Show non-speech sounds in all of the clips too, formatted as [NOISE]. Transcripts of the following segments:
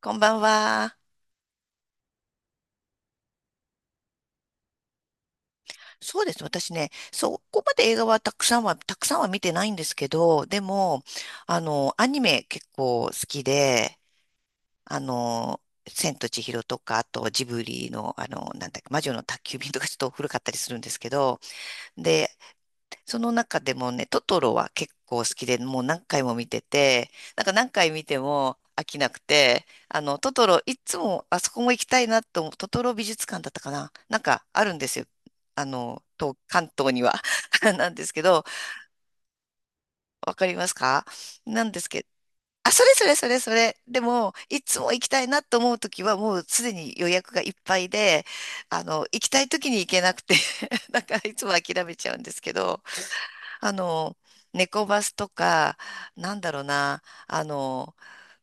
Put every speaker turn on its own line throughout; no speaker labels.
こんばんは。そうです。私ね、そこまで映画はたくさんは、見てないんですけど、でも、アニメ結構好きで、あの、千と千尋とか、あとジブリの、なんだっけ、魔女の宅急便とかちょっと古かったりするんですけど、で、その中でもね、トトロは結構好きで、もう何回も見てて、なんか何回見ても飽きなくて、トトロ、いつもあそこも行きたいなと思う、トトロ美術館だったかななんかあるんですよ。東関東には [LAUGHS] なんですけど、わかりますか？なんですけど、あ、それそれそれそれ。でも、いつも行きたいなと思うときは、もうすでに予約がいっぱいで、行きたいときに行けなくて [LAUGHS] なんかいつも諦めちゃうんですけど、あの、猫バスとか、なんだろうな、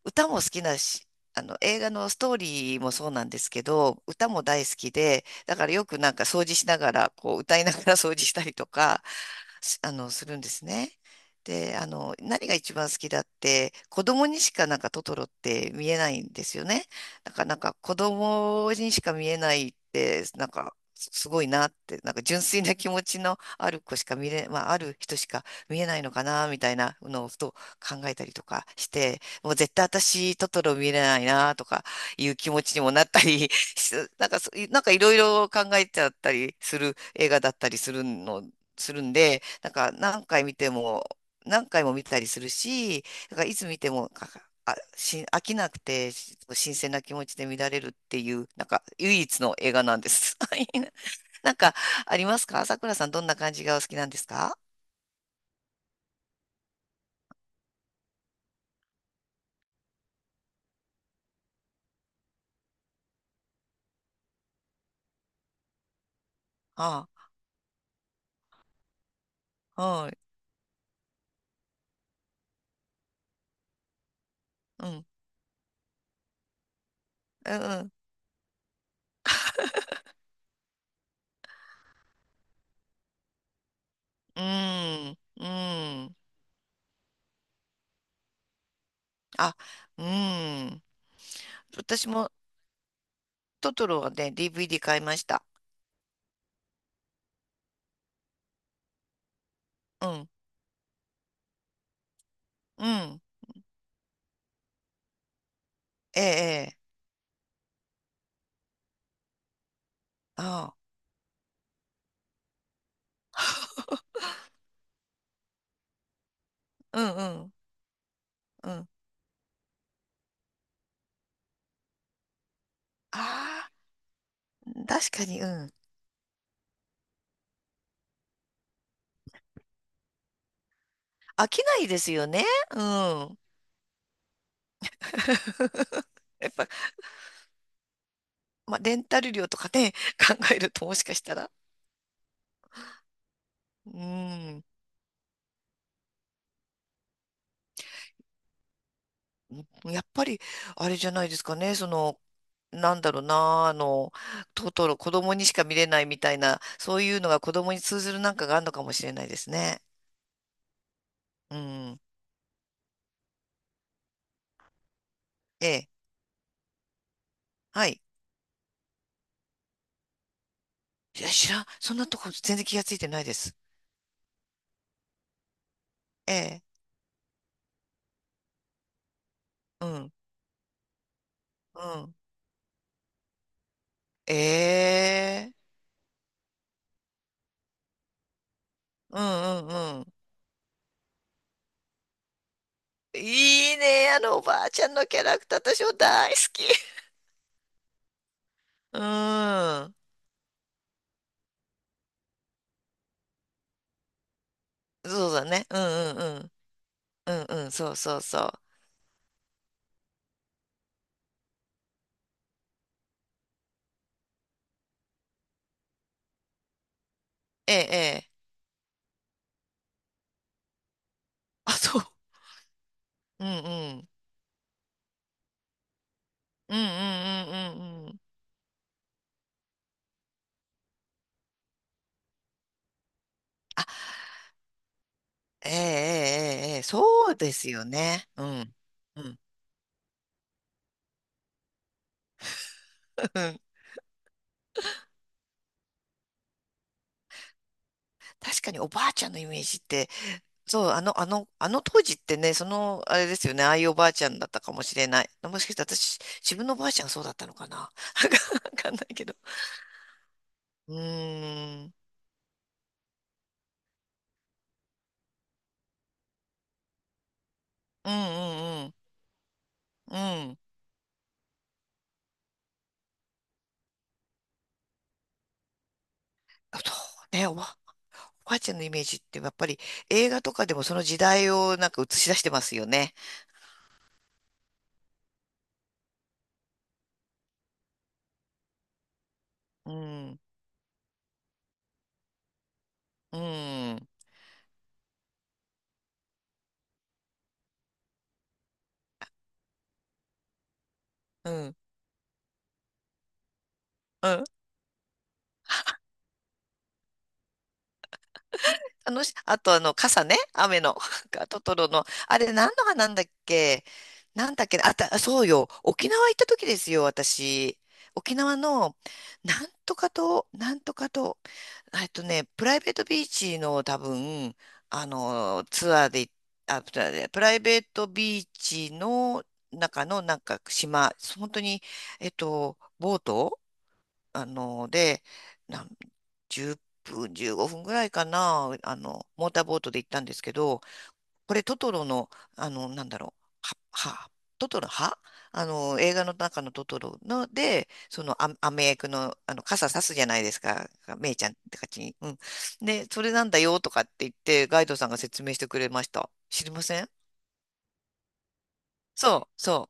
歌も好きだし、映画のストーリーもそうなんですけど、歌も大好きで、だからよくなんか掃除しながら、こう歌いながら掃除したりとか、すあの、するんですね。で、何が一番好きだって、子供にしかなんかトトロって見えないんですよね。なんか子供にしか見えないって、なんか、すごいなって、なんか純粋な気持ちのある子しか見れ、まあ、ある人しか見えないのかな、みたいなのをふと考えたりとかして、もう絶対私、トトロ見れないな、とかいう気持ちにもなったり、し [LAUGHS] なんかそ、なんかいろいろ考えちゃったりする映画だったりするするんで、なんか何回見ても、何回も見たりするし、だからいつ見ても、かあ、し、飽きなくて、新鮮な気持ちで見られるっていう、なんか唯一の映画なんです。[LAUGHS] はい。なんかありますか？さくらさん、どんな感じがお好きなんですか？ああ、はい。うん。うん。うん。うん。あ、うん。私もトトロはね、DVD 買いました。うん。うん。ええ、ええ。ああ。[LAUGHS] うんうんうん。ああ、確かに、うん。飽きないですよね。うん。[LAUGHS] やっぱ、まあ、レンタル料とかね、[LAUGHS] 考えるともしかしたら。うん。やっぱり、あれじゃないですかね。その、なんだろうな、トトロ、子供にしか見れないみたいな、そういうのが子供に通ずるなんかがあるのかもしれないですね。うん。ええ。はい。いや、知らん。そんなとこ全然気がついてないです。ええ。うん。うん。ええ。うんうんうん。いいね、あのおばあちゃんのキャラクター、私も大好き。[LAUGHS] うん。そうだね。うんうんうん。うんうん、そうそうそう。ええ、ええ。あ、そう。うんうん。うんうんうんうんうん。あ、ええ、ええ、ええ、そうですよね。うん。うん。[LAUGHS] うん。確かにおばあちゃんのイメージって、そう、あの当時ってね、その、あれですよね、ああいうおばあちゃんだったかもしれない。もしかして私、自分のおばあちゃんがそうだったのかな。[LAUGHS] わかんないけど。うーん。うんうんうん。うん。そうね、おばあちゃんのイメージってやっぱり映画とかでもその時代をなんか映し出してますよね。うん。うん。うん。うん。あと、傘ね、雨の、[LAUGHS] トトロの、あれ何の花なんだっけ？なんだっけね、そうよ、沖縄行った時ですよ、私。沖縄の、なんとか島、なんとか島、プライベートビーチの多分、あの、ツアーで、ツアーでプライベートビーチの中のなんか島、本当に、えっと、ボートあの、で、なん、10分、15分ぐらいかな、モーターボートで行ったんですけど、これトトロの、なんだろう、は、は、トトロ、はあの、映画の中のトトロので、そのアメ役の、傘さすじゃないですか、メイちゃんって感じに。うん。で、それなんだよとかって言って、ガイドさんが説明してくれました。知りません？そう、そ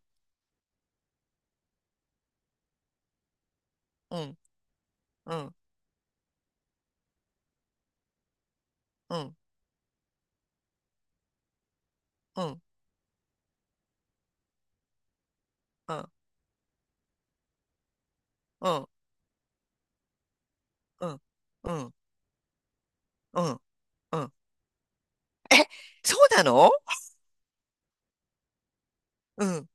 う。うん、うん、うん、うん、うん、うん、うん、うん、うん。うん、え、そうなの？うん、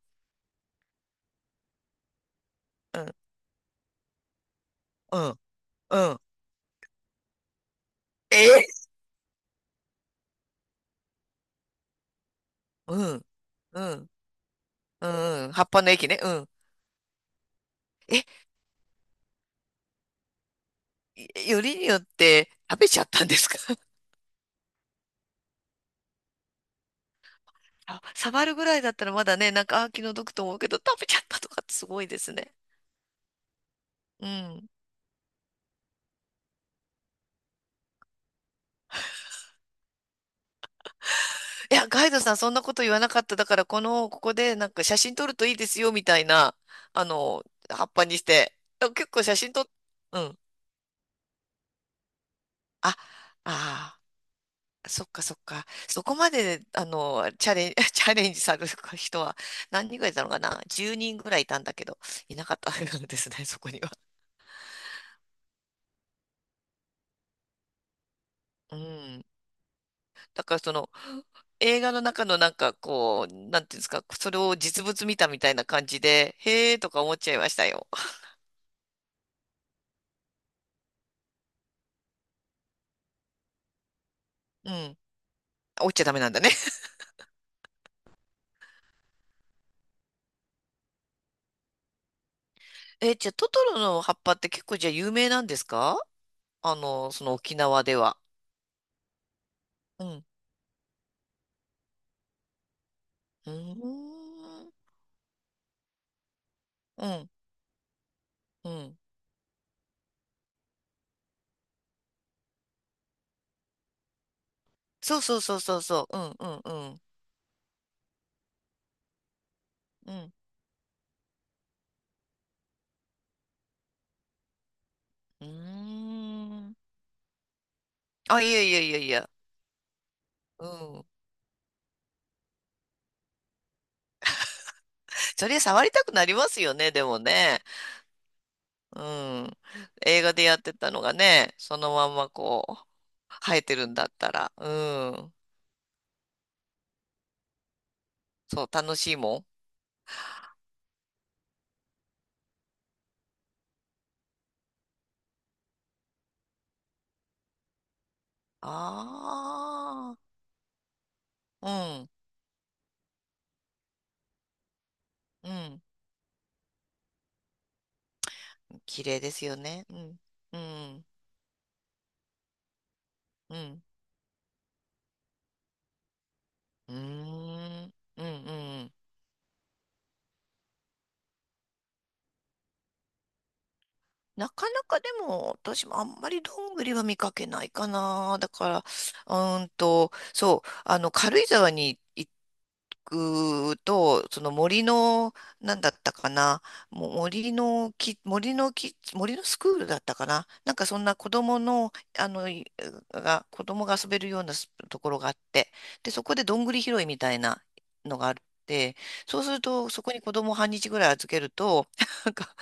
うん、うん、うん。え、うん、うん、うん、うん、葉っぱの液ね。うん。え、よりによって食べちゃったんですか？ [LAUGHS] あ、触るぐらいだったらまだね、なんか、あ、気の毒と思うけど、食べちゃったとかってすごいですね。うん。いや、ガイドさん、そんなこと言わなかった。だから、ここで、なんか、写真撮るといいですよ、みたいな、あの、葉っぱにして。あ結構写真撮っ、うん。あ、ああー。そっかそっか。そこまで、あの、チャレン、[LAUGHS] チャレンジされる [LAUGHS] 人は何人ぐらいいたのかな？ 10 人ぐらいいたんだけど、いなかったんですね、そこには。うん。だからその映画の中のなんかこう、なんていうんですか、それを実物見たみたいな感じで、へーとか思っちゃいましたよ。うん。落ちちゃダメなんだね。[LAUGHS] え、じゃあトトロの葉っぱって結構じゃあ有名なんですか？その沖縄では。うん。うーん。うん。うん。そうそうそうそうそう。うんうんうん。うん。うーん。あ、いやいやいやいや。うん。それ触りたくなりますよね、でもね。うん。映画でやってたのがね、そのまんまこう、生えてるんだったら。うん。そう、楽しいもん。ああ。うん。うん。綺麗ですよね。うん。うん。うん。うーん。うん。うん。なかなかでも、私もあんまりどんぐりは見かけないかな。だから、そう、軽井沢に行くと、その森の、なんだったかな、もう森のスクールだったかな。なんかそんな子供の、あの、い子供が遊べるようなところがあって、で、そこでどんぐり拾いみたいなのがあって、そうすると、そこに子供を半日ぐらい預けると、なんか、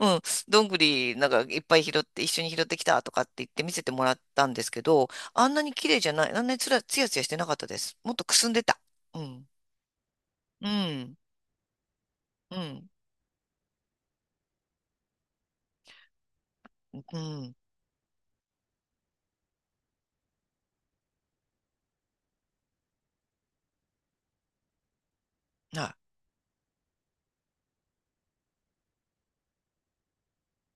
うんどんぐりなんかいっぱい拾って一緒に拾ってきたとかって言って見せてもらったんですけど、あんなに綺麗じゃない、あんなにつら、つやつやしてなかったです。もっとくすんでた。うん。うん。うん。うん。は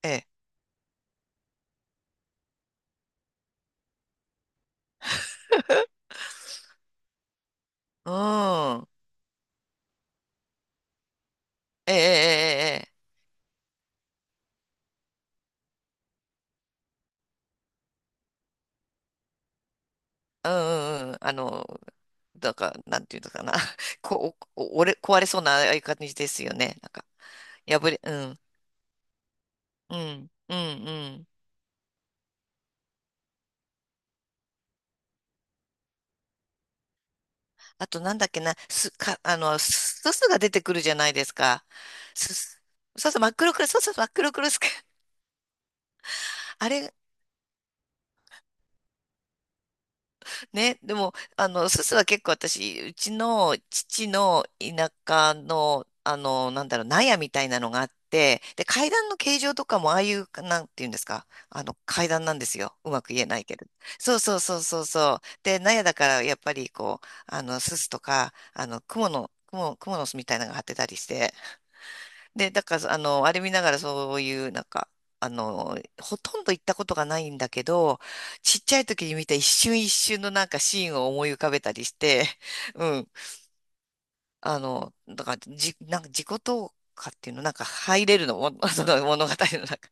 い。ええ。うん。ええ、ええ、ええ。ええ、うんうんうん。なんか、なんていうのかな。[LAUGHS] こ、お、お、折れ、壊れそうなああいう感じですよね。なんか、うん。うん。うん。うん。あとなんだっけな、す、か、あの、すすすが出てくるじゃないですか。すす、そうそう、真っ黒クロス、そうそう、真っ黒クロス。[LAUGHS] あれ、ね、でも、すすは結構私、うちの父の田舎の、なんだろう、納屋みたいなのがあって、で、階段の形状とかも、ああいう、なんていうんですか、階段なんですよ。うまく言えないけど。そうそうそうそうそう。で、納屋だから、やっぱり、こう、すすとか、蜘蛛の巣みたいなのが張ってたりして、で、だから、あれ見ながらそういう、なんか、ほとんど行ったことがないんだけど、ちっちゃい時に見た一瞬一瞬のなんかシーンを思い浮かべたりして、[LAUGHS] うん。だから、なんか自己投下っていうの、なんか入れるのも、[LAUGHS] その物語の中。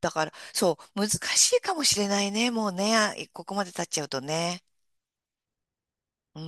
だから、そう、難しいかもしれないね、もうね、ここまで経っちゃうとね。うん